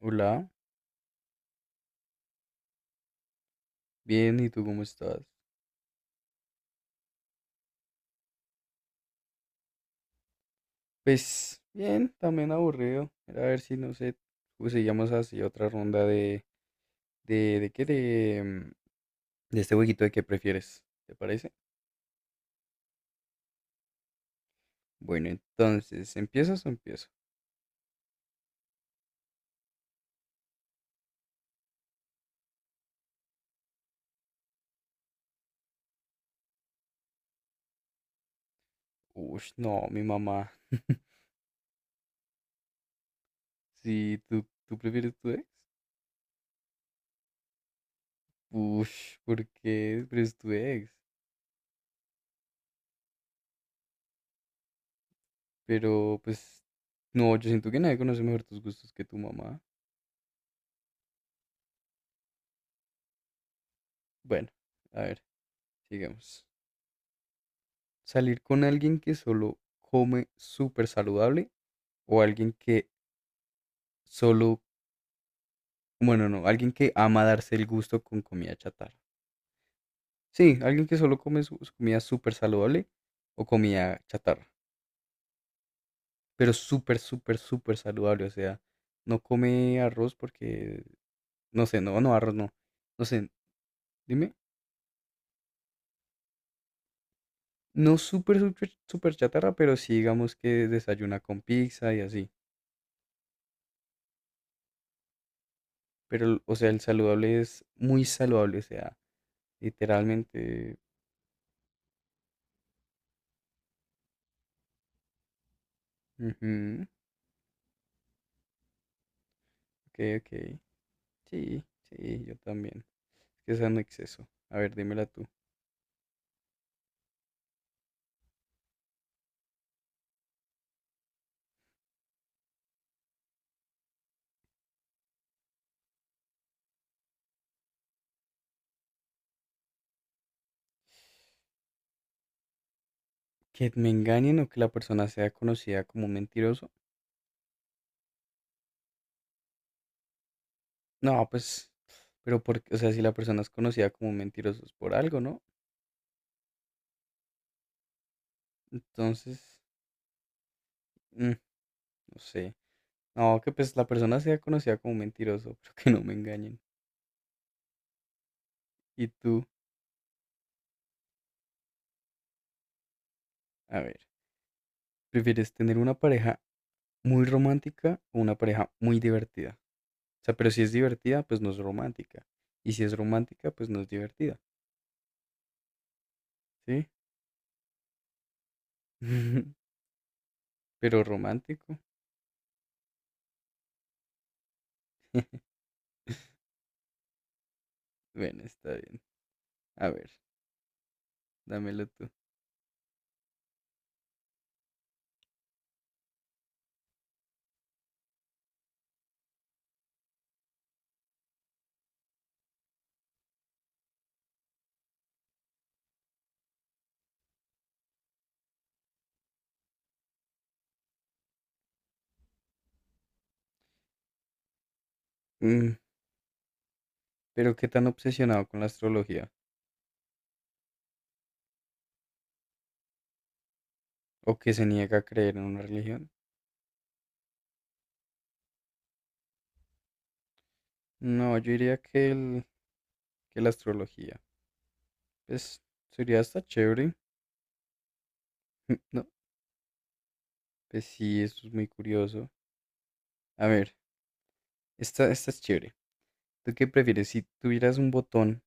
Hola, bien, ¿y tú cómo estás? Pues bien, también aburrido. Era a ver si, no sé, seguíamos así otra ronda de, ¿de qué? De, mm, de este jueguito de qué prefieres, ¿te parece? Bueno, entonces, ¿empiezas o empiezo? Ush, no, mi mamá. Sí, ¿tú prefieres tu ex? Ush, ¿por qué prefieres tu ex? Pero yo siento que nadie conoce mejor tus gustos que tu mamá. Bueno, a ver, sigamos. ¿Salir con alguien que solo come súper saludable o alguien que solo, bueno, no, alguien que ama darse el gusto con comida chatarra? Sí, alguien que solo come su comida súper saludable o comida chatarra, pero súper saludable. O sea, no come arroz porque, no sé, arroz no. No sé, dime, no súper chatarra, pero sí digamos que desayuna con pizza y así. Pero, o sea, el saludable es muy saludable, o sea, literalmente. Ujú. Ok, ok. Sí, sí, yo también. Es que es un exceso. A ver, dímela tú. ¿Que me engañen o que la persona sea conocida como un mentiroso? No, pues, pero porque, o sea, si la persona es conocida como un mentiroso es por algo, ¿no? Entonces, mm, no sé. No, que pues la persona sea conocida como un mentiroso, pero que no me engañen. ¿Y tú? A ver, ¿prefieres tener una pareja muy romántica o una pareja muy divertida? O sea, pero si es divertida, pues no es romántica. Y si es romántica, pues no es divertida. Sí, pero romántico. Bueno, está bien. A ver, dámelo tú. Mm, pero qué tan obsesionado con la astrología o que se niega a creer en una religión. No, yo diría que, que la astrología. Pues sería hasta chévere. No, pues sí, eso es muy curioso. A ver, esta es chévere. ¿Tú qué prefieres si tuvieras un botón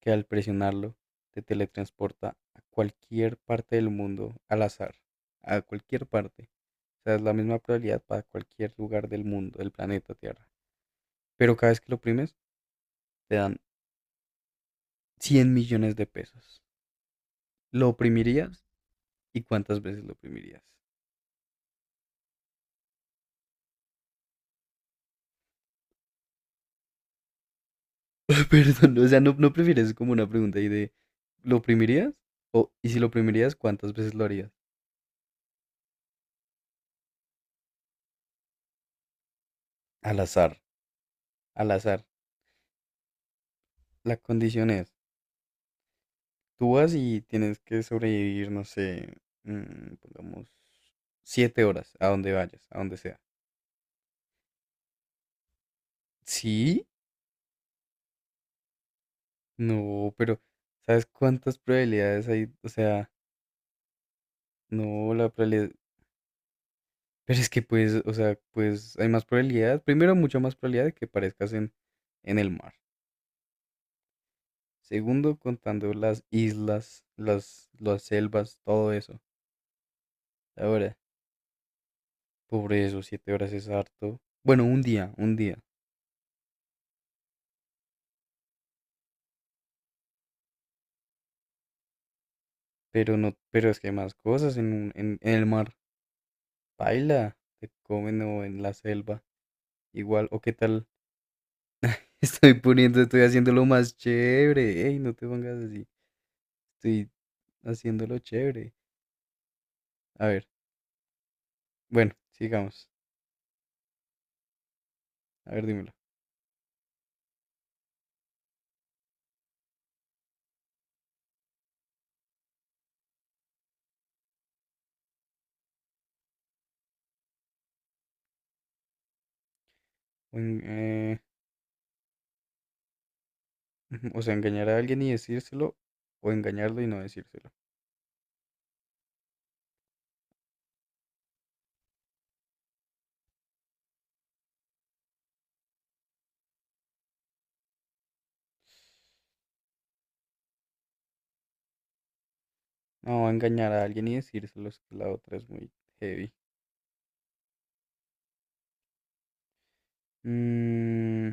que al presionarlo te teletransporta a cualquier parte del mundo al azar? A cualquier parte. O sea, es la misma probabilidad para cualquier lugar del mundo, del planeta Tierra. Pero cada vez que lo oprimes, te dan 100 millones de pesos. ¿Lo oprimirías? ¿Y cuántas veces lo oprimirías? Perdón, o sea, no, no prefieres como una pregunta ahí de ¿lo oprimirías? O, y si lo oprimirías, ¿cuántas veces lo harías? Al azar. Al azar. La condición es, tú vas y tienes que sobrevivir, no sé, pongamos, 7 horas, a donde vayas, a donde sea. Sí. No, pero ¿sabes cuántas probabilidades hay? O sea, no, la probabilidad, pero es que pues, o sea, pues hay más probabilidad, primero mucha más probabilidad de que aparezcas en el mar. Segundo, contando las islas, las selvas, todo eso. Ahora, pobre eso, 7 horas es harto. Bueno, un día, un día. Pero no, pero es que hay más cosas en el mar. Baila, te comen o en la selva. Igual, o qué tal. Estoy haciendo lo más chévere. Ey, no te pongas así. Estoy haciéndolo chévere. A ver, bueno, sigamos. A ver, dímelo. O, en- eh, o sea, engañar a alguien y decírselo, o engañarlo y no decírselo. No, engañar a alguien y decírselo es que la otra es muy heavy. Mm,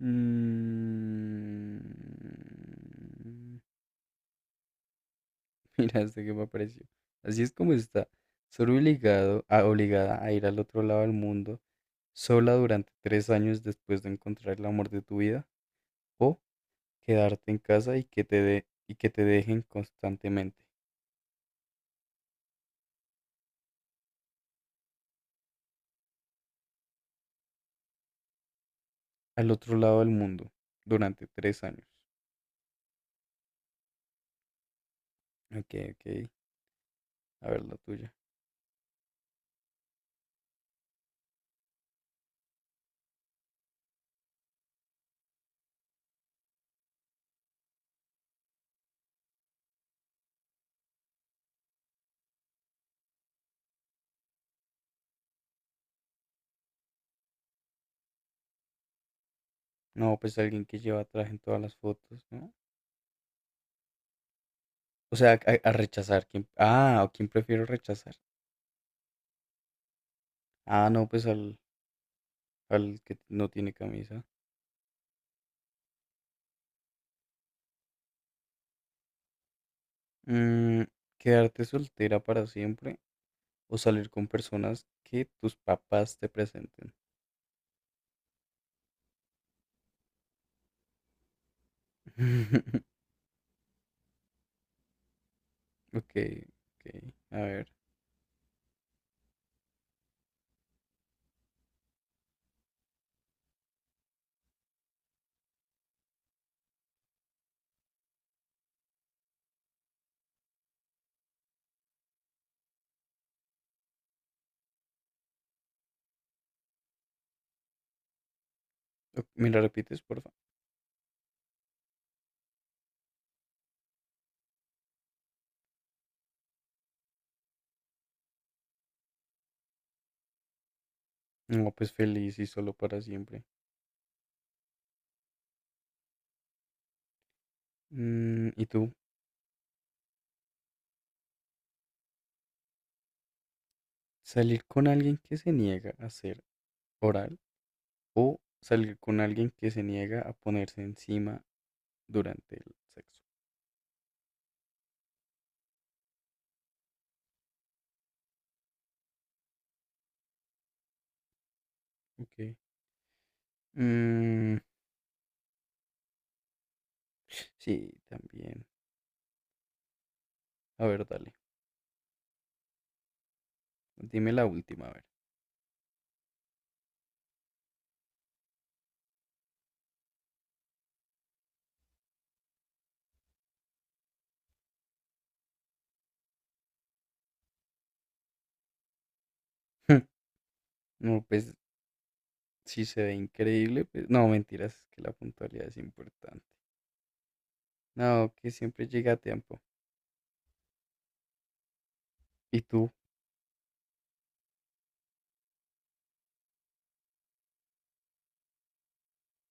mm. Mira, este que me apareció. Así es como está. Obligada a ir al otro lado del mundo sola durante 3 años después de encontrar el amor de tu vida o quedarte en casa y y que te dejen constantemente al otro lado del mundo durante 3 años. Ok, ok. A ver la tuya. No, pues alguien que lleva traje en todas las fotos, ¿no? O sea, a rechazar. ¿O quién prefiero rechazar? Ah, no, al que no tiene camisa. Mm, quedarte soltera para siempre o salir con personas que tus papás te presenten. Ok, ok. A ver. ¿Me la repites, porfa? No, pues feliz y solo para siempre. Mm, ¿y tú? ¿Salir con alguien que se niega a ser oral o salir con alguien que se niega a ponerse encima durante el sexo? Ok. Mm, sí, también. A ver, dale. Dime la última, a ver. No, pues si se ve increíble, pues no, mentiras, es que la puntualidad es importante. No, que siempre llega a tiempo. ¿Y tú?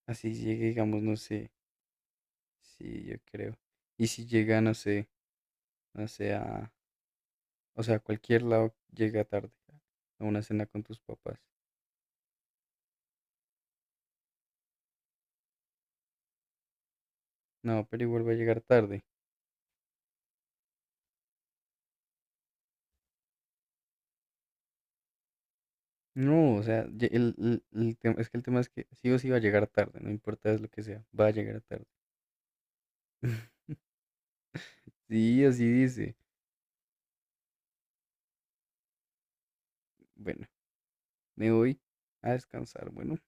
Así llegue, digamos, no sé. Sí, yo creo. Y si llega, no sé, no sé, a, o sea, a cualquier lado llega tarde a una cena con tus papás. No, pero igual va a llegar tarde. No, o sea, el tema, es que el tema es que sí o sí va a llegar tarde, no importa lo que sea, va a llegar tarde. Sí, así dice. Bueno, me voy a descansar. Bueno.